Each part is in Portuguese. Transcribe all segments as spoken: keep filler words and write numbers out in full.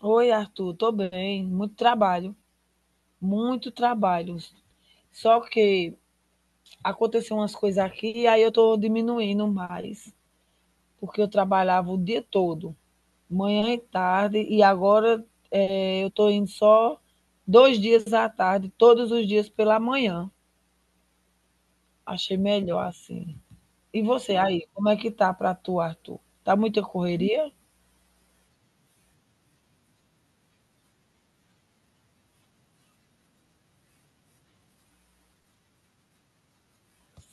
Oi, Arthur, tô bem. Muito trabalho, muito trabalho. Só que aconteceu umas coisas aqui e aí eu tô diminuindo mais, porque eu trabalhava o dia todo, manhã e tarde, e agora eh, eu tô indo só dois dias à tarde, todos os dias pela manhã. Achei melhor assim. E você aí, como é que tá pra tu, Arthur? Tá muita correria?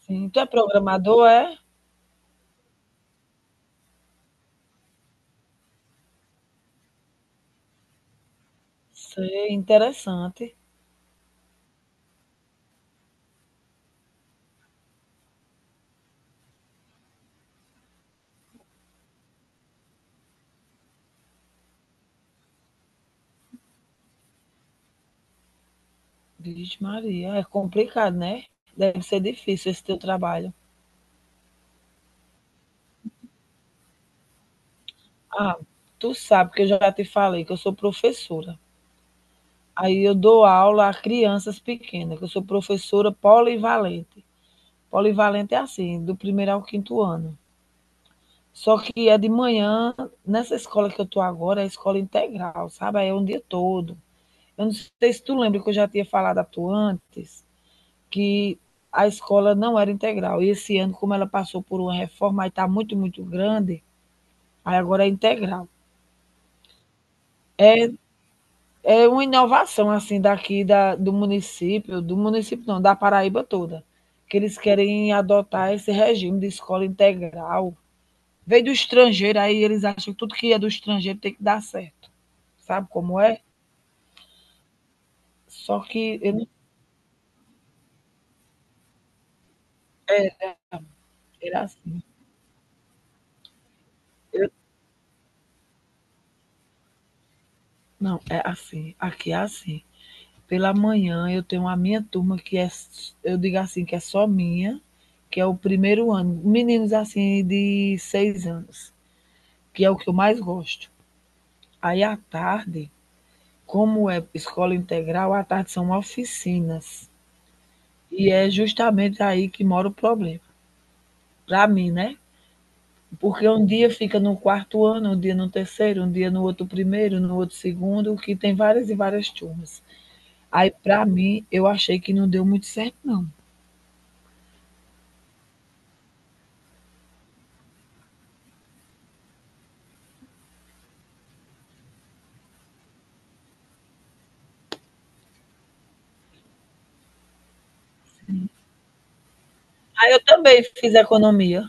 Sim. Tu é programador, é? Sei, interessante. Vixe Maria, é complicado, né? Deve ser difícil esse teu trabalho. Ah, tu sabe que eu já te falei que eu sou professora. Aí eu dou aula a crianças pequenas, que eu sou professora polivalente. Polivalente é assim, do primeiro ao quinto ano. Só que é de manhã, nessa escola que eu tô agora, é escola integral, sabe? Aí é um dia todo. Eu não sei se tu lembra que eu já tinha falado a tu antes, que a escola não era integral. E esse ano, como ela passou por uma reforma, aí está muito, muito grande, aí agora é integral. É uma inovação, assim, daqui da, do município, do município não, da Paraíba toda, que eles querem adotar esse regime de escola integral. Veio do estrangeiro, aí eles acham que tudo que é do estrangeiro tem que dar certo. Sabe como é? Só que eu não sabia, era assim. Não, é assim. Aqui é assim. Pela manhã eu tenho a minha turma que é, eu digo assim, que é só minha, que é o primeiro ano, meninos assim de seis anos, que é o que eu mais gosto. Aí à tarde, como é escola integral, à tarde são oficinas. E é justamente aí que mora o problema, para mim, né? Porque um dia fica no quarto ano, um dia no terceiro, um dia no outro primeiro, no outro segundo, que tem várias e várias turmas. Aí, para mim, eu achei que não deu muito certo, não. Ah, eu também fiz economia.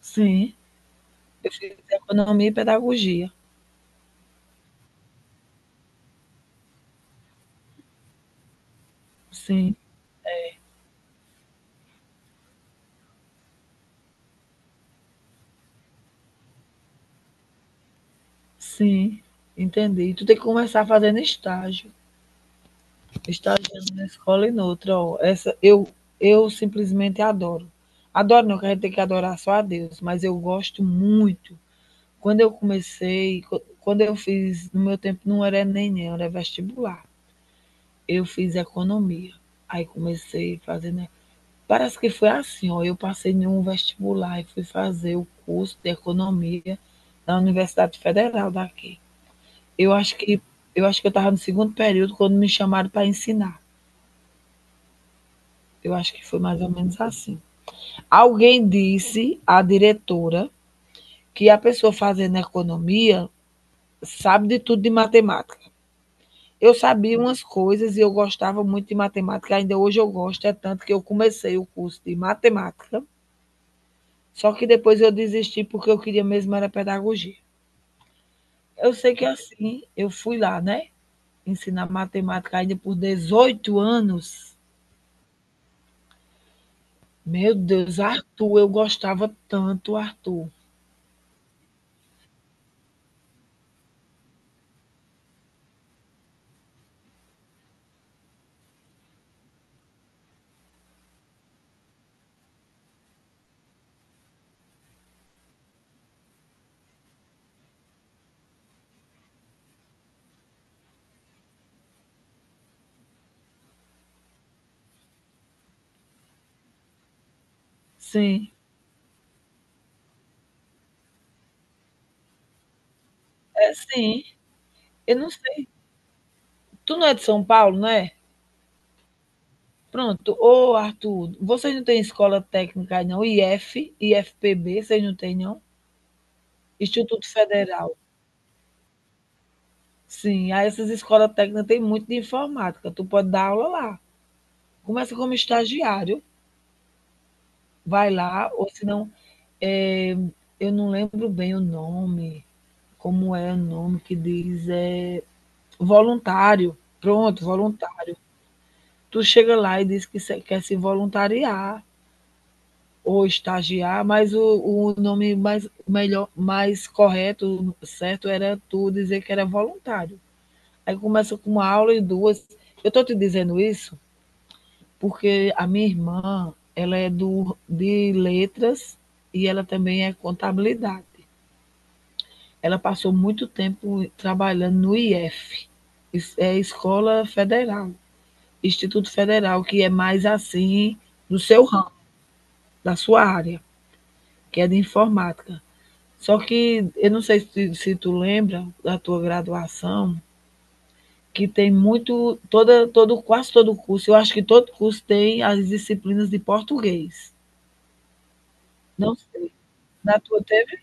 Sim. Eu fiz economia e pedagogia. Sim, sim. Entendi. Tu tem que começar fazendo estágio. Estagiando na escola e noutra. Ó. Essa, eu, eu simplesmente adoro. Adoro, não, que a gente tem que adorar só a Deus, mas eu gosto muito. Quando eu comecei, co- quando eu fiz, no meu tempo não era nem era vestibular. Eu fiz economia. Aí comecei fazendo. Parece que foi assim, ó, eu passei em um vestibular e fui fazer o curso de economia na Universidade Federal daqui. Eu acho que eu acho que eu estava no segundo período quando me chamaram para ensinar. Eu acho que foi mais ou menos assim. Alguém disse à diretora que a pessoa fazendo economia sabe de tudo de matemática. Eu sabia umas coisas e eu gostava muito de matemática, ainda hoje eu gosto, é tanto que eu comecei o curso de matemática. Só que depois eu desisti porque eu queria mesmo era pedagogia. Eu sei que é assim, eu fui lá, né, ensinar matemática ainda por dezoito anos. Meu Deus, Arthur, eu gostava tanto, Arthur. Sim, é sim. Eu não sei. Tu não é de São Paulo, né? Pronto. Ô, Arthur, vocês não têm escola técnica aí não? I F, I F P B, vocês não têm não? Instituto Federal. Sim, aí essas escolas técnicas têm muito de informática. Tu pode dar aula lá. Começa como estagiário. Vai lá, ou senão, eh, eu não lembro bem o nome, como é o nome que diz, eh, voluntário, pronto, voluntário. Tu chega lá e diz que se quer se voluntariar ou estagiar, mas o o nome mais melhor mais correto, certo, era tu dizer que era voluntário. Aí começa com uma aula e duas. Eu estou te dizendo isso, porque a minha irmã, ela é do de letras e ela também é contabilidade. Ela passou muito tempo trabalhando no I F, es- é Escola Federal, Instituto Federal, que é mais assim do seu ramo, da sua área, que é de informática. Só que eu não sei se, se tu lembra da tua graduação, que tem muito, toda, todo, quase todo curso, eu acho que todo curso tem as disciplinas de português. Não sei. Na tua teve?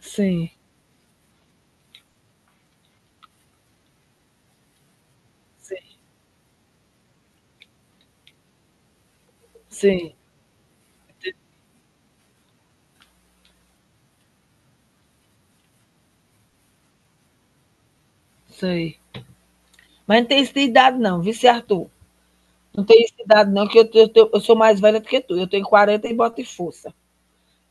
Sim, sim, sim, sei. Mas não tem isso de idade não, viu, seu Arthur? Não tem isso de idade, não, que eu, eu, eu, eu sou mais velha do que tu. Eu tenho quarenta e boto em força.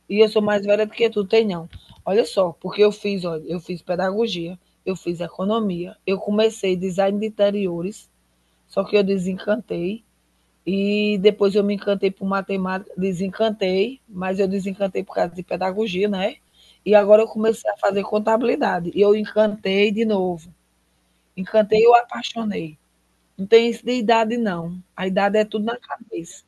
E eu sou mais velha do que tu, tem não. Olha só, porque eu fiz, olha, eu fiz pedagogia, eu fiz economia, eu comecei design de interiores, só que eu desencantei. E depois eu me encantei por matemática, desencantei, mas eu desencantei por causa de pedagogia, né? E agora eu comecei a fazer contabilidade. E eu encantei de novo. Encantei e eu apaixonei. Não tem isso de idade, não. A idade é tudo na cabeça.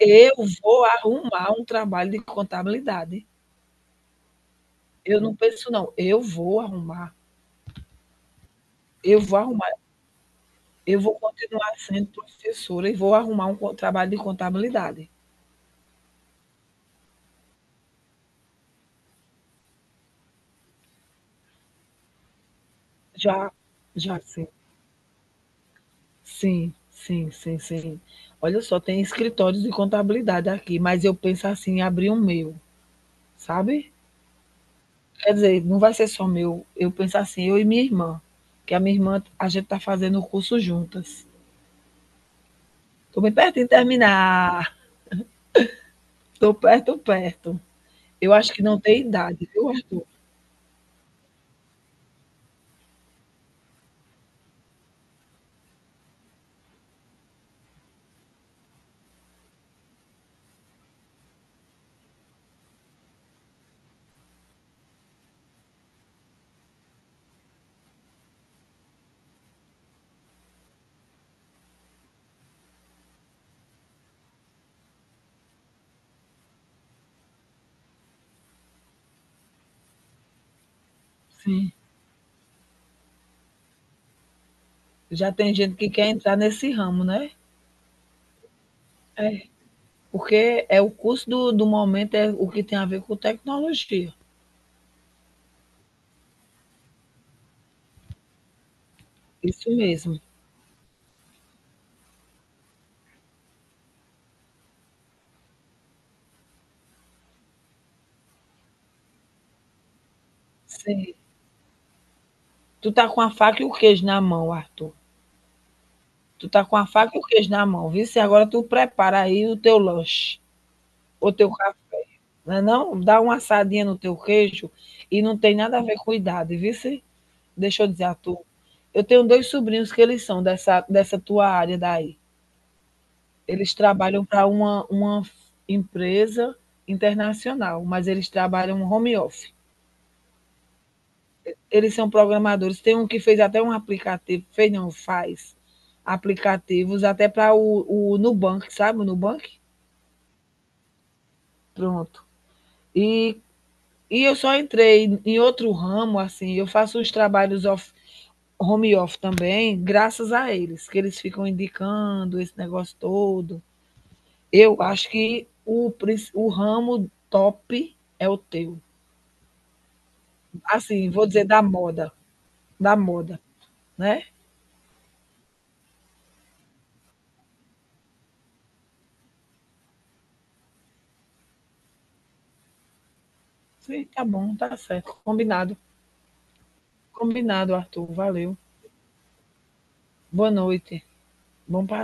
Eu vou arrumar um trabalho de contabilidade. Eu não penso não, eu vou arrumar, eu vou arrumar, eu vou continuar sendo professora e vou arrumar um co trabalho de contabilidade. Já, já sim. Sim, sim, sim, sim. Olha só, tem escritórios de contabilidade aqui, mas eu penso assim em abrir um meu, sabe? Quer dizer, não vai ser só meu, eu penso assim, eu e minha irmã, que a minha irmã a gente está fazendo o curso juntas. Estou bem perto de terminar, estou perto, perto. Eu acho que não tem idade, viu, Arthur? Sim. Já tem gente que quer entrar nesse ramo, né? É. Porque é o curso do, do momento, é o que tem a ver com tecnologia. Isso mesmo. Sim. Tu tá com a faca e o queijo na mão, Arthur. Tu tá com a faca e o queijo na mão, viu? Se agora tu prepara aí o teu lanche, o teu café, não, é não dá uma assadinha no teu queijo e não tem nada a ver com idade, viu? Se- Deixa eu dizer, Arthur. Eu tenho dois sobrinhos que eles são dessa, dessa tua área daí. Eles trabalham para uma uma f empresa internacional, mas eles trabalham home office. Eles são programadores, tem um que fez até um aplicativo, fez não, faz aplicativos até para o o Nubank, sabe o Nubank? Pronto. E e eu só entrei em outro ramo, assim, eu faço uns trabalhos off home office também, graças a eles, que eles ficam indicando esse negócio todo. Eu acho que o princi o ramo top é o teu. Assim, vou dizer da moda, da moda, né? Sim, tá bom, tá certo. Combinado. Combinado, Arthur. Valeu. Boa noite. Bom passeio.